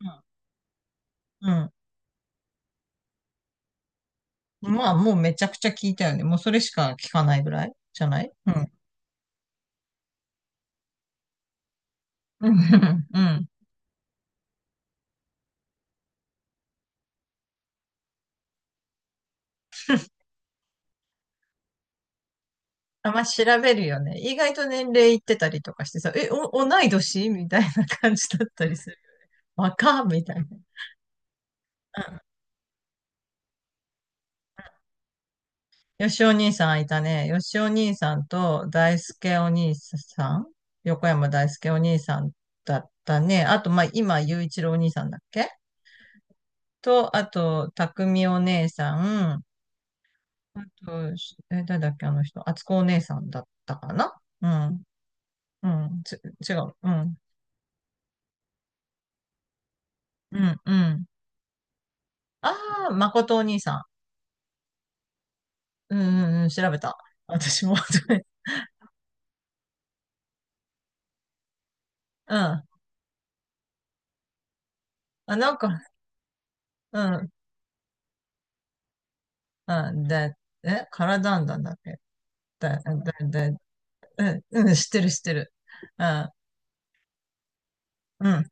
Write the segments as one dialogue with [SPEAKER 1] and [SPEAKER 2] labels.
[SPEAKER 1] うん。うん、まあ、もうめちゃくちゃ聞いたよね。もうそれしか聞かないぐらいじゃない？うん。うん。うん。あ、まあ、調べるよね。意外と年齢いってたりとかしてさ、同い年みたいな感じだったりする。若っみたいな。うん。よしお兄さんいたね。よしお兄さんと大輔お兄さん、横山大輔お兄さんだったね。あと、まあ、今、雄一郎お兄さんだっけ？と、あと、匠お姉さん、あと、誰だっけ、あの人。あつこお姉さんだったかな？うん。うん。違う。うん。うん。うん。ああ、まことお兄さん。うん。うん。うん、調べた。私も。 うん。あ、なんか、うん。うん。え、カラダンダンだっけ？だ、だ、だ、うん。うん。知ってる、知ってる。うん。うん。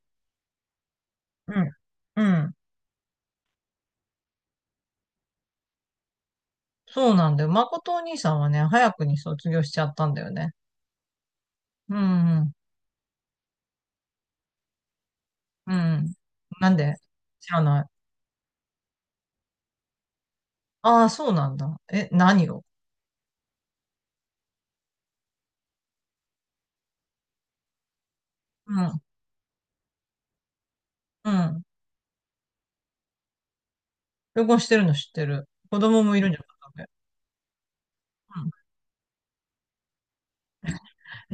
[SPEAKER 1] うん。うん。そうなんだよ。まことお兄さんはね、早くに卒業しちゃったんだよね。うん。うん。うん、なんで？知らない。ああ、そうなんだ。え、何を？うん、うん。旅行してるの知ってる。子供もいるんじゃなかったっけ？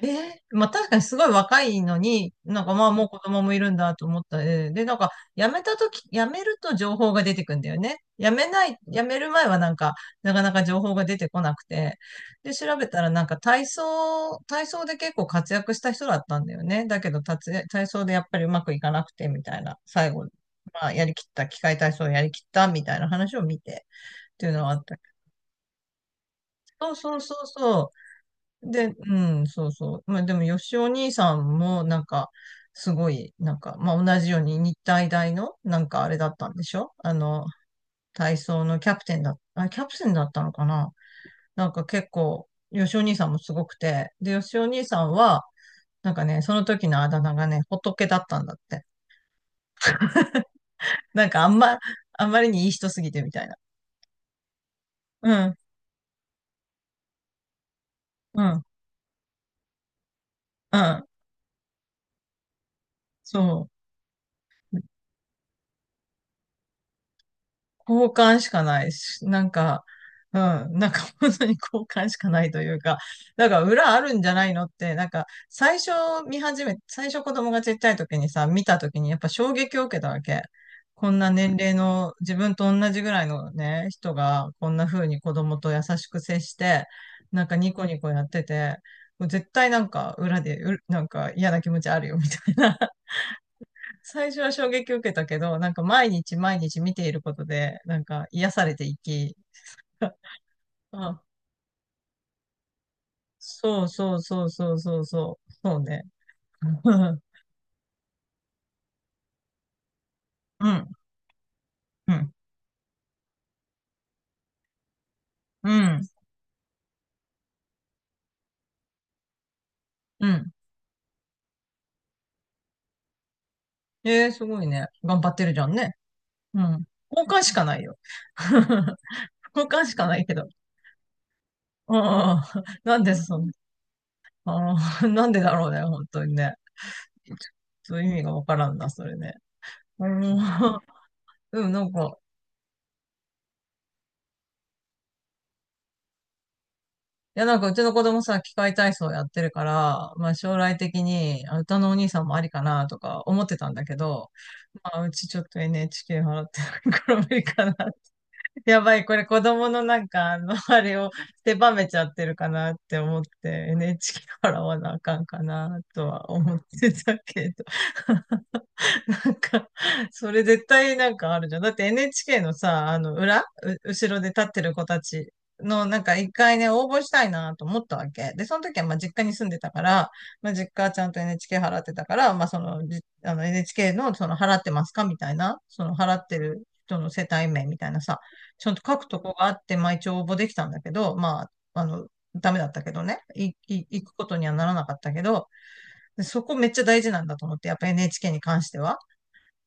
[SPEAKER 1] ええ、まあ確かにすごい若いのに、なんかまあもう子供もいるんだと思った。で、で、なんか辞めたとき、辞めると情報が出てくんだよね。辞めない、辞める前はなんか、なかなか情報が出てこなくて。で、調べたらなんか体操、体操で結構活躍した人だったんだよね。だけど、体操でやっぱりうまくいかなくてみたいな、最後、まあやりきった、器械体操をやりきったみたいな話を見てっていうのはあった。そうそうそうそう。で、うん、そうそう。まあでも、よしお兄さんも、なんか、すごい、なんか、まあ同じように日体大の、なんかあれだったんでしょ？あの、体操のキャプテンだ、あ、キャプテンだったのかな？なんか結構、よしお兄さんもすごくて、で、よしお兄さんは、なんかね、その時のあだ名がね、仏だったんだって。なんかあんま、あんまりにいい人すぎてみたいな。うん、うん、うん、そう。交換しかないし、なんか、うん、なんか本当に交換しかないというか、だから裏あるんじゃないのって、なんか最初、見始め、最初子供がちっちゃい時にさ、見た時にやっぱ衝撃を受けたわけ。こんな年齢の自分と同じぐらいのね、人がこんな風に子供と優しく接して、なんかニコニコやってて、もう絶対なんか裏でなんか嫌な気持ちあるよみたいな、最初は衝撃を受けたけど、なんか毎日毎日見ていることで、なんか癒されていき、あ、そうそうそうそうそうそう、そうね。うん、うん、うん、うん。えー、すごいね。頑張ってるじゃんね。うん。交換しかないよ。交換しかないけど。うん、うん、うん、なんでそんな、あーなんでだろうね、本当にね。ちょっと意味がわからんな、それね。うん、うんなんか、いや、なんかうちの子供さ、器械体操やってるから、まあ将来的に歌のお兄さんもありかなとか思ってたんだけど、まあうちちょっと NHK 払ってないから無理かな。やばい、これ子供のなんかあの、あれを狭めちゃってるかなって思って、 NHK 払わなあかんかなとは思ってたけど。なんか、それ絶対なんかあるじゃん。だって NHK のさ、あの裏、後ろで立ってる子たちのなんか一回ね、応募したいなと思ったわけ。で、その時はまあ実家に住んでたから、まあ実家はちゃんと NHK 払ってたから、まあその、あの NHK のその払ってますかみたいな、その払ってる人の世帯名みたいなさ、ちゃんと書くとこがあって、まあ一応応募できたんだけど、まあ、あの、ダメだったけどね。行くことにはならなかったけど、でそこめっちゃ大事なんだと思って、やっぱ NHK に関しては。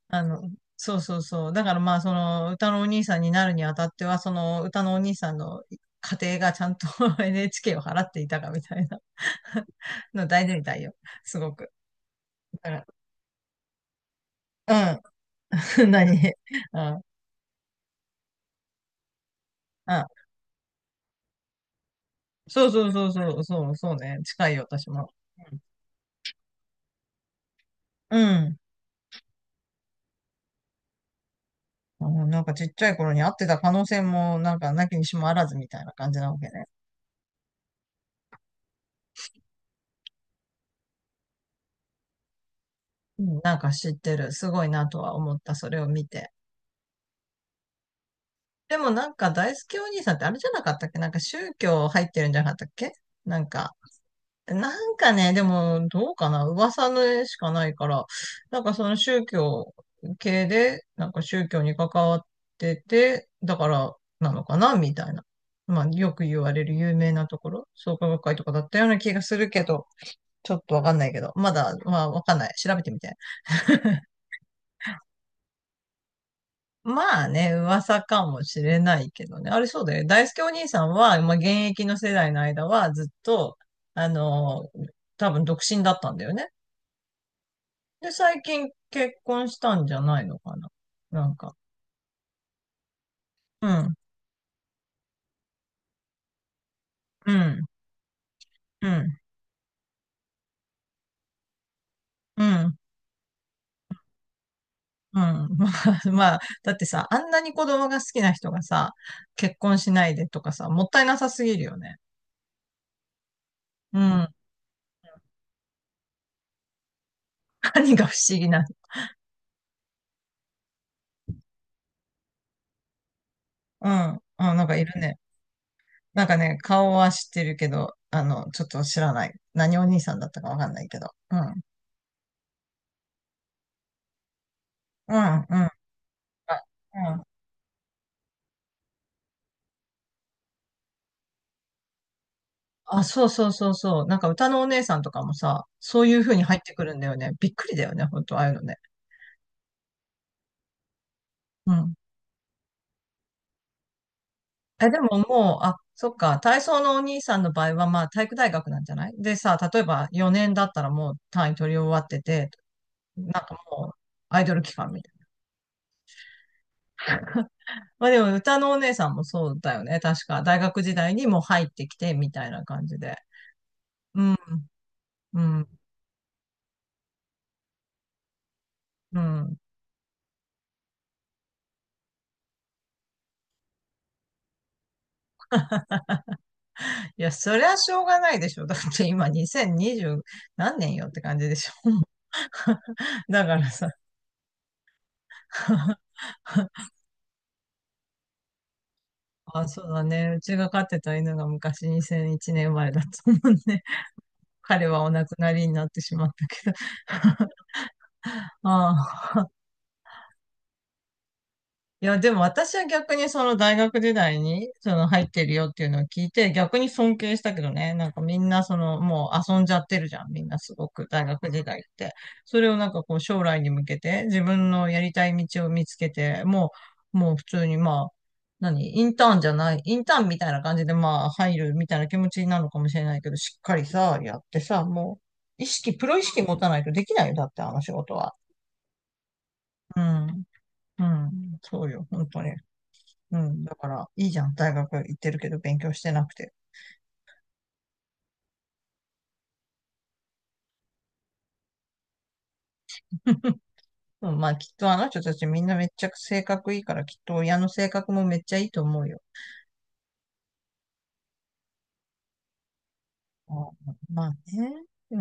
[SPEAKER 1] あの、そうそうそう。だからまあ、その歌のお兄さんになるにあたっては、その歌のお兄さんの家庭がちゃんと NHK を払っていたかみたいな の大事みたいよ。すごく。だから、うん。何？うん。あ、そうそうそうそう、そう、そうね。近いよ、私も。うん。うん、あのなんかちっちゃい頃に会ってた可能性も、なんかなきにしもあらずみたいな感じなわけね。うん、なんか知ってる。すごいなとは思った。それを見て。でもなんか大好きお兄さんってあれじゃなかったっけ？なんか宗教入ってるんじゃなかったっけ？なんか、なんかね、でもどうかな、噂の絵しかないから、なんかその宗教系で、なんか宗教に関わってて、だからなのかなみたいな。まあよく言われる有名なところ、創価学会とかだったような気がするけど、ちょっとわかんないけど、まだ、まあわかんない。調べてみて。まあね、噂かもしれないけどね。あれそうだよね。大輔お兄さんは、まあ、現役の世代の間はずっと、あの、多分独身だったんだよね。で、最近結婚したんじゃないのかな。なんか。うん、うん、うん、うん、うん。まあ、まあだってさ、あんなに子供が好きな人がさ、結婚しないでとかさ、もったいなさすぎるよね。うん。何が不思議な？うん。あ、なんかいるね。なんかね、顔は知ってるけど、あの、ちょっと知らない。何お兄さんだったかわかんないけど。うん。うん、うん。あ、うん。あ、そうそうそうそう。なんか歌のお姉さんとかもさ、そういう風に入ってくるんだよね。びっくりだよね、ほんと、ああいうのね。うん。え、でももう、あ、そっか、体操のお兄さんの場合は、まあ、体育大学なんじゃないでさ、例えば4年だったらもう単位取り終わってて、なんかもう、アイドル期間みたいな。まあでも、歌のお姉さんもそうだよね。確か、大学時代にもう入ってきて、みたいな感じで。うん、うん、うん。いや、そりゃしょうがないでしょ。だって今2020何年よって感じでしょ。だからさ。あ、そうだね。うちが飼ってた犬が昔2001年生まれだと思うね。彼はお亡くなりになってしまったけど。ああ。いや、でも私は逆にその大学時代にその入ってるよっていうのを聞いて逆に尊敬したけどね。なんかみんなそのもう遊んじゃってるじゃん。みんなすごく大学時代って。それをなんかこう将来に向けて自分のやりたい道を見つけて、もう、もう普通にまあ、何？インターンじゃない、インターンみたいな感じでまあ入るみたいな気持ちなのかもしれないけど、しっかりさ、やってさ、もう意識、プロ意識持たないとできないよ。だってあの仕事は。うん。うん。そうよ。本当に。うん。だから、いいじゃん。大学行ってるけど勉強してなくて。うん、まあ、きっとあの人たちみんなめっちゃ性格いいから、きっと親の性格もめっちゃいいと思うよ。あ、まあね。う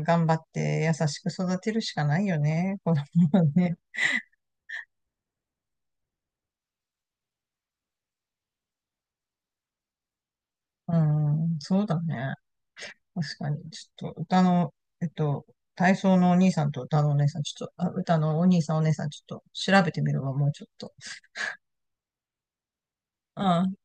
[SPEAKER 1] ん、頑張って優しく育てるしかないよね。子供はね。うん、そうだね。確かに。ちょっと、歌の、えっと、体操のお兄さんと歌のお姉さん、ちょっと、あ、歌のお兄さんお姉さん、ちょっと調べてみるわ、もうちょっと。うん。